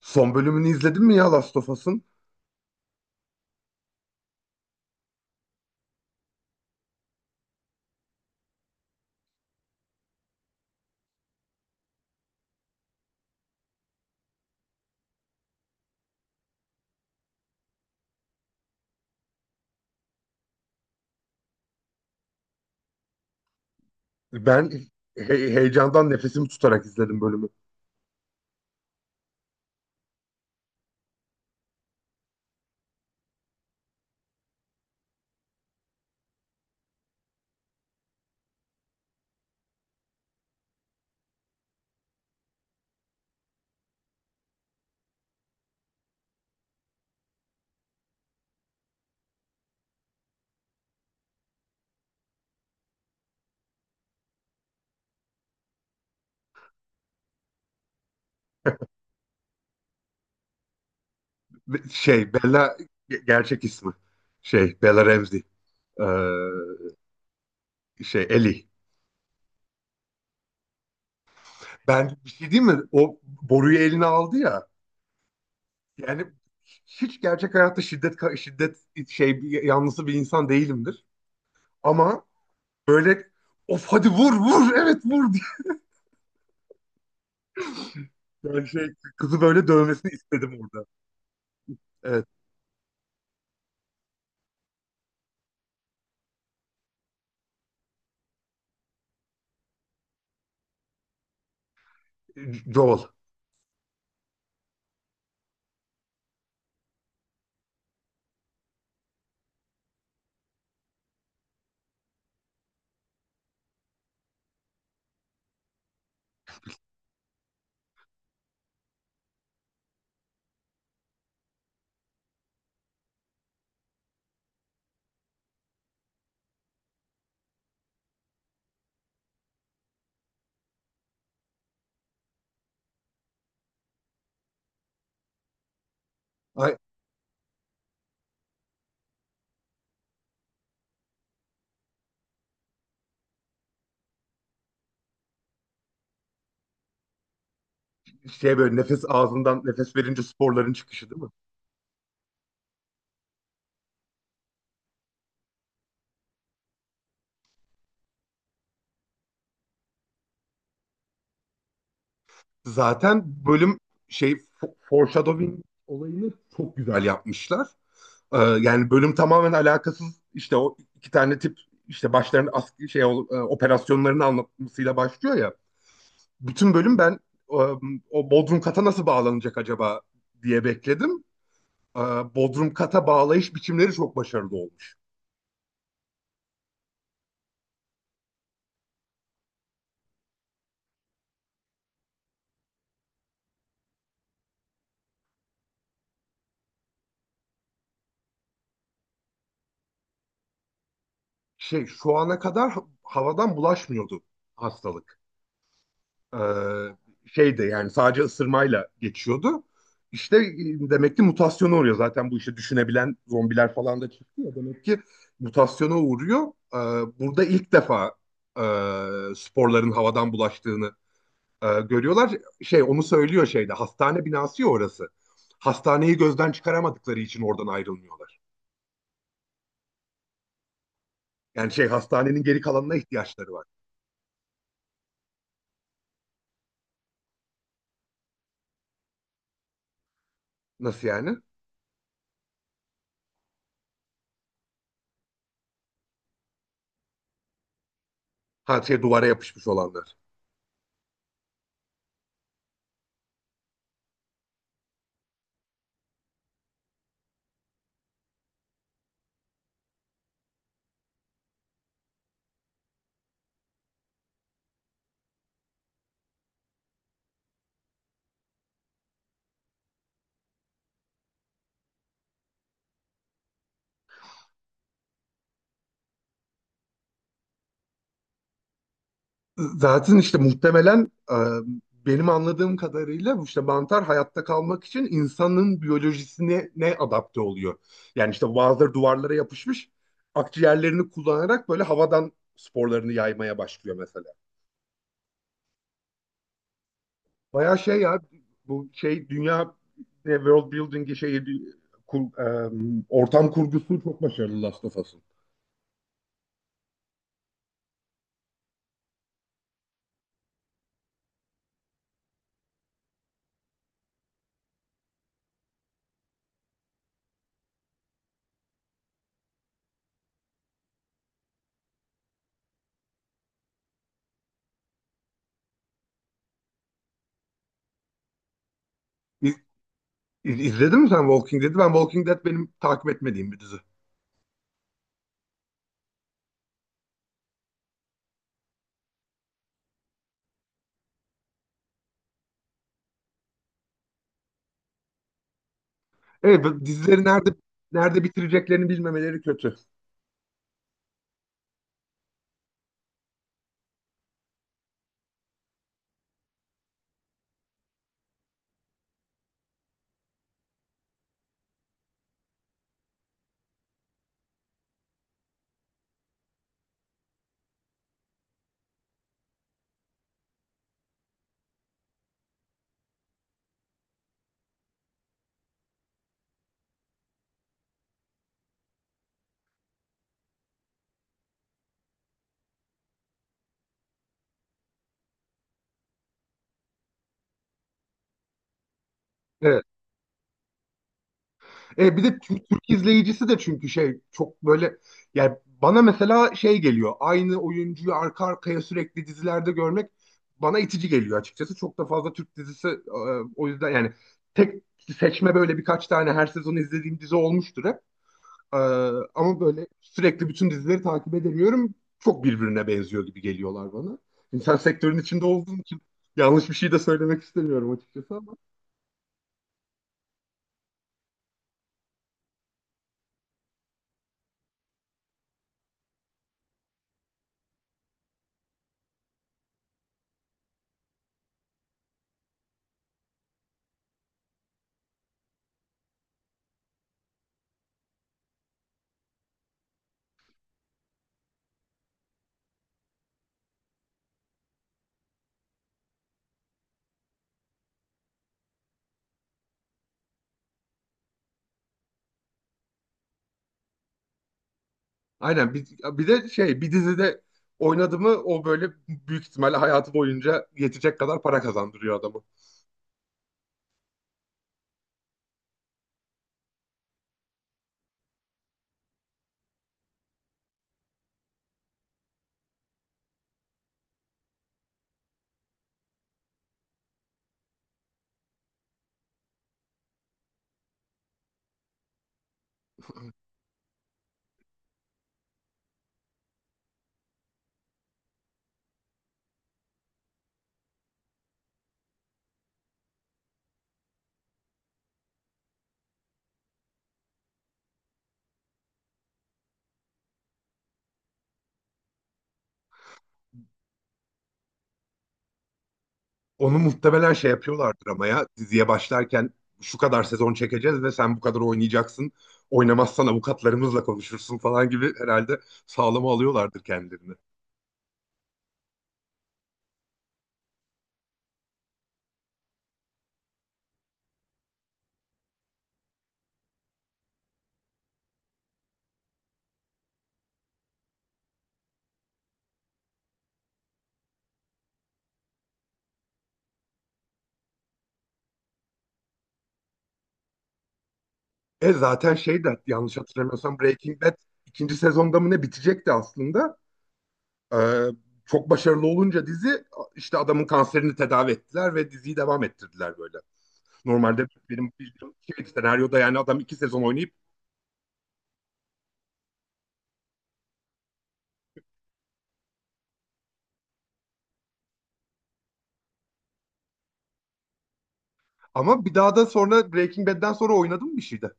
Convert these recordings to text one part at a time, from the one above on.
Son bölümünü izledin mi ya Last of Us'ın? Ben he- heyecandan nefesimi tutarak izledim bölümü. Bella gerçek ismi. Bella Ramsey. Ee, Ellie. Ben bir şey diyeyim mi? O boruyu eline aldı ya. Yani hiç gerçek hayatta şiddet ka- şiddet şey bir- yanlısı bir insan değilimdir. Ama böyle of, hadi vur vur, evet vur diye. Yani kızı böyle dövmesini istedim orada. Evet, Joel. Ay, böyle nefes, ağzından nefes verince sporların çıkışı değil mi? Zaten bölüm foreshadowing olayını çok güzel yapmışlar. Yani bölüm tamamen alakasız, işte o iki tane tip, işte başlarının askeri operasyonlarını anlatmasıyla başlıyor ya. Bütün bölüm ben e, o Bodrum kata nasıl bağlanacak acaba diye bekledim. E, Bodrum kata bağlayış biçimleri çok başarılı olmuş. Şu ana kadar havadan bulaşmıyordu hastalık. Ee, şeydi yani sadece ısırmayla geçiyordu. İşte demek ki mutasyona uğruyor. Zaten bu işte düşünebilen zombiler falan da çıktı ya. Demek ki mutasyona uğruyor. Ee, Burada ilk defa e, sporların havadan bulaştığını görüyorlar. Onu söylüyor şeyde, hastane binası ya orası. Hastaneyi gözden çıkaramadıkları için oradan ayrılmıyorlar. Yani hastanenin geri kalanına ihtiyaçları var. Nasıl yani? Ha, şey, duvara yapışmış olanlar. Zaten işte muhtemelen benim anladığım kadarıyla bu, işte mantar hayatta kalmak için insanın biyolojisine ne adapte oluyor. Yani işte bazıları duvarlara yapışmış, akciğerlerini kullanarak böyle havadan sporlarını yaymaya başlıyor mesela. Bayağı şey ya, bu dünya, ne, world building'i, kur- e, ortam kurgusu çok başarılı Last of Us'ın. İz, izledin mi sen Walking Dead'i? Ben, Walking Dead benim takip etmediğim bir dizi. Evet, bu dizileri nerede bitireceklerini bilmemeleri kötü. Evet. E, bir de Türk izleyicisi de, çünkü şey çok böyle, yani bana mesela şey geliyor. Aynı oyuncuyu arka arkaya sürekli dizilerde görmek bana itici geliyor açıkçası. Çok da fazla Türk dizisi, o yüzden yani tek seçme, böyle birkaç tane her sezon izlediğim dizi olmuştur hep. Ee, Ama böyle sürekli bütün dizileri takip edemiyorum. Çok birbirine benziyor gibi geliyorlar bana. Şimdi sen sektörün içinde olduğun için yanlış bir şey de söylemek istemiyorum açıkçası ama. Aynen, bir de şey, bir dizide oynadı mı o, böyle büyük ihtimalle hayatı boyunca yetecek kadar para kazandırıyor adamı. Onu muhtemelen şey yapıyorlardır ama, ya diziye başlarken şu kadar sezon çekeceğiz ve sen bu kadar oynayacaksın. Oynamazsan avukatlarımızla konuşursun falan gibi herhalde, sağlama alıyorlardır kendilerini. E zaten şey de, yanlış hatırlamıyorsam Breaking Bad ikinci sezonda mı ne bitecekti aslında. Ee, Çok başarılı olunca dizi, işte adamın kanserini tedavi ettiler ve diziyi devam ettirdiler böyle. Normalde benim bildiğim şey, senaryoda yani adam iki sezon oynayıp ama bir daha da sonra, Breaking Bad'den sonra oynadım bir şeyde.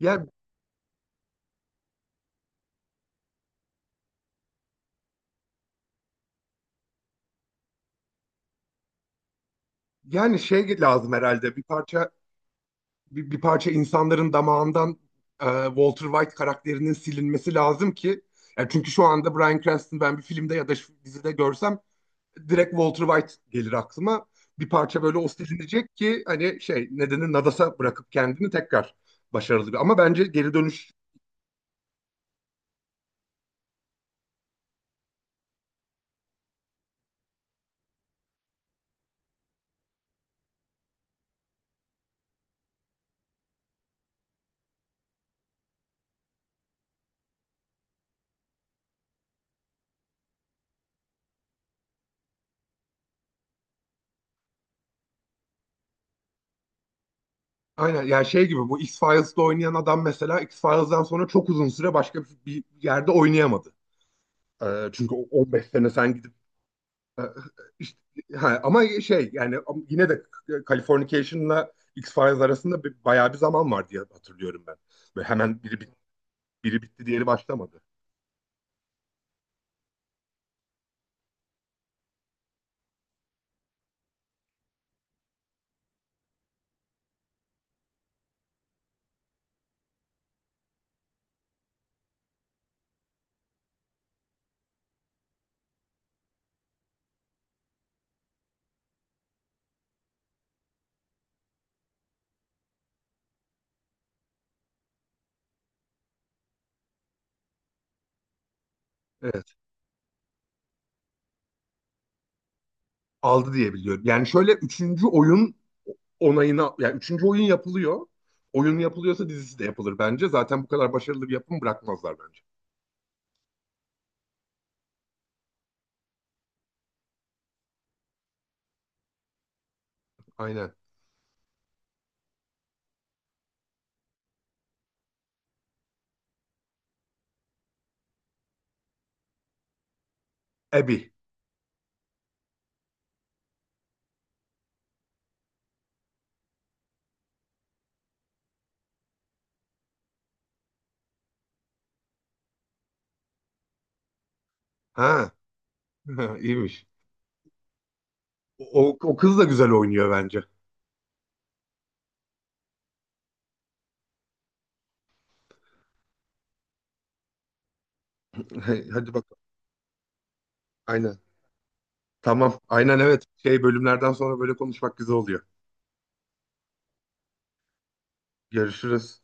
Yani, yani şey lazım herhalde bir parça, bir parça insanların damağından Walter White karakterinin silinmesi lazım ki, yani çünkü şu anda Bryan Cranston ben bir filmde ya da şu dizide görsem direkt Walter White gelir aklıma. Bir parça böyle o silinecek ki, hani şey nedeni Nadas'a bırakıp kendini tekrar başarılı bir. Ama bence geri dönüş, aynen yani şey gibi, bu X-Files'da oynayan adam mesela X-Files'dan sonra çok uzun süre başka bir yerde oynayamadı. Çünkü 15 sene sen gidip e, işte, ha, ama şey yani yine de Californication'la X-Files arasında bir, bayağı bir zaman var diye hatırlıyorum ben. Böyle hemen biri bitti diğeri başlamadı. Evet. Aldı diye biliyorum. Yani şöyle, üçüncü oyun onayına, yani üçüncü oyun yapılıyor. Oyun yapılıyorsa dizisi de yapılır bence. Zaten bu kadar başarılı bir yapım bırakmazlar bence. Aynen. Abby. Ha. iyiymiş. O, o kız da güzel oynuyor bence. Hadi bakalım. Aynen. Tamam. Aynen, evet. Şey, bölümlerden sonra böyle konuşmak güzel oluyor. Görüşürüz.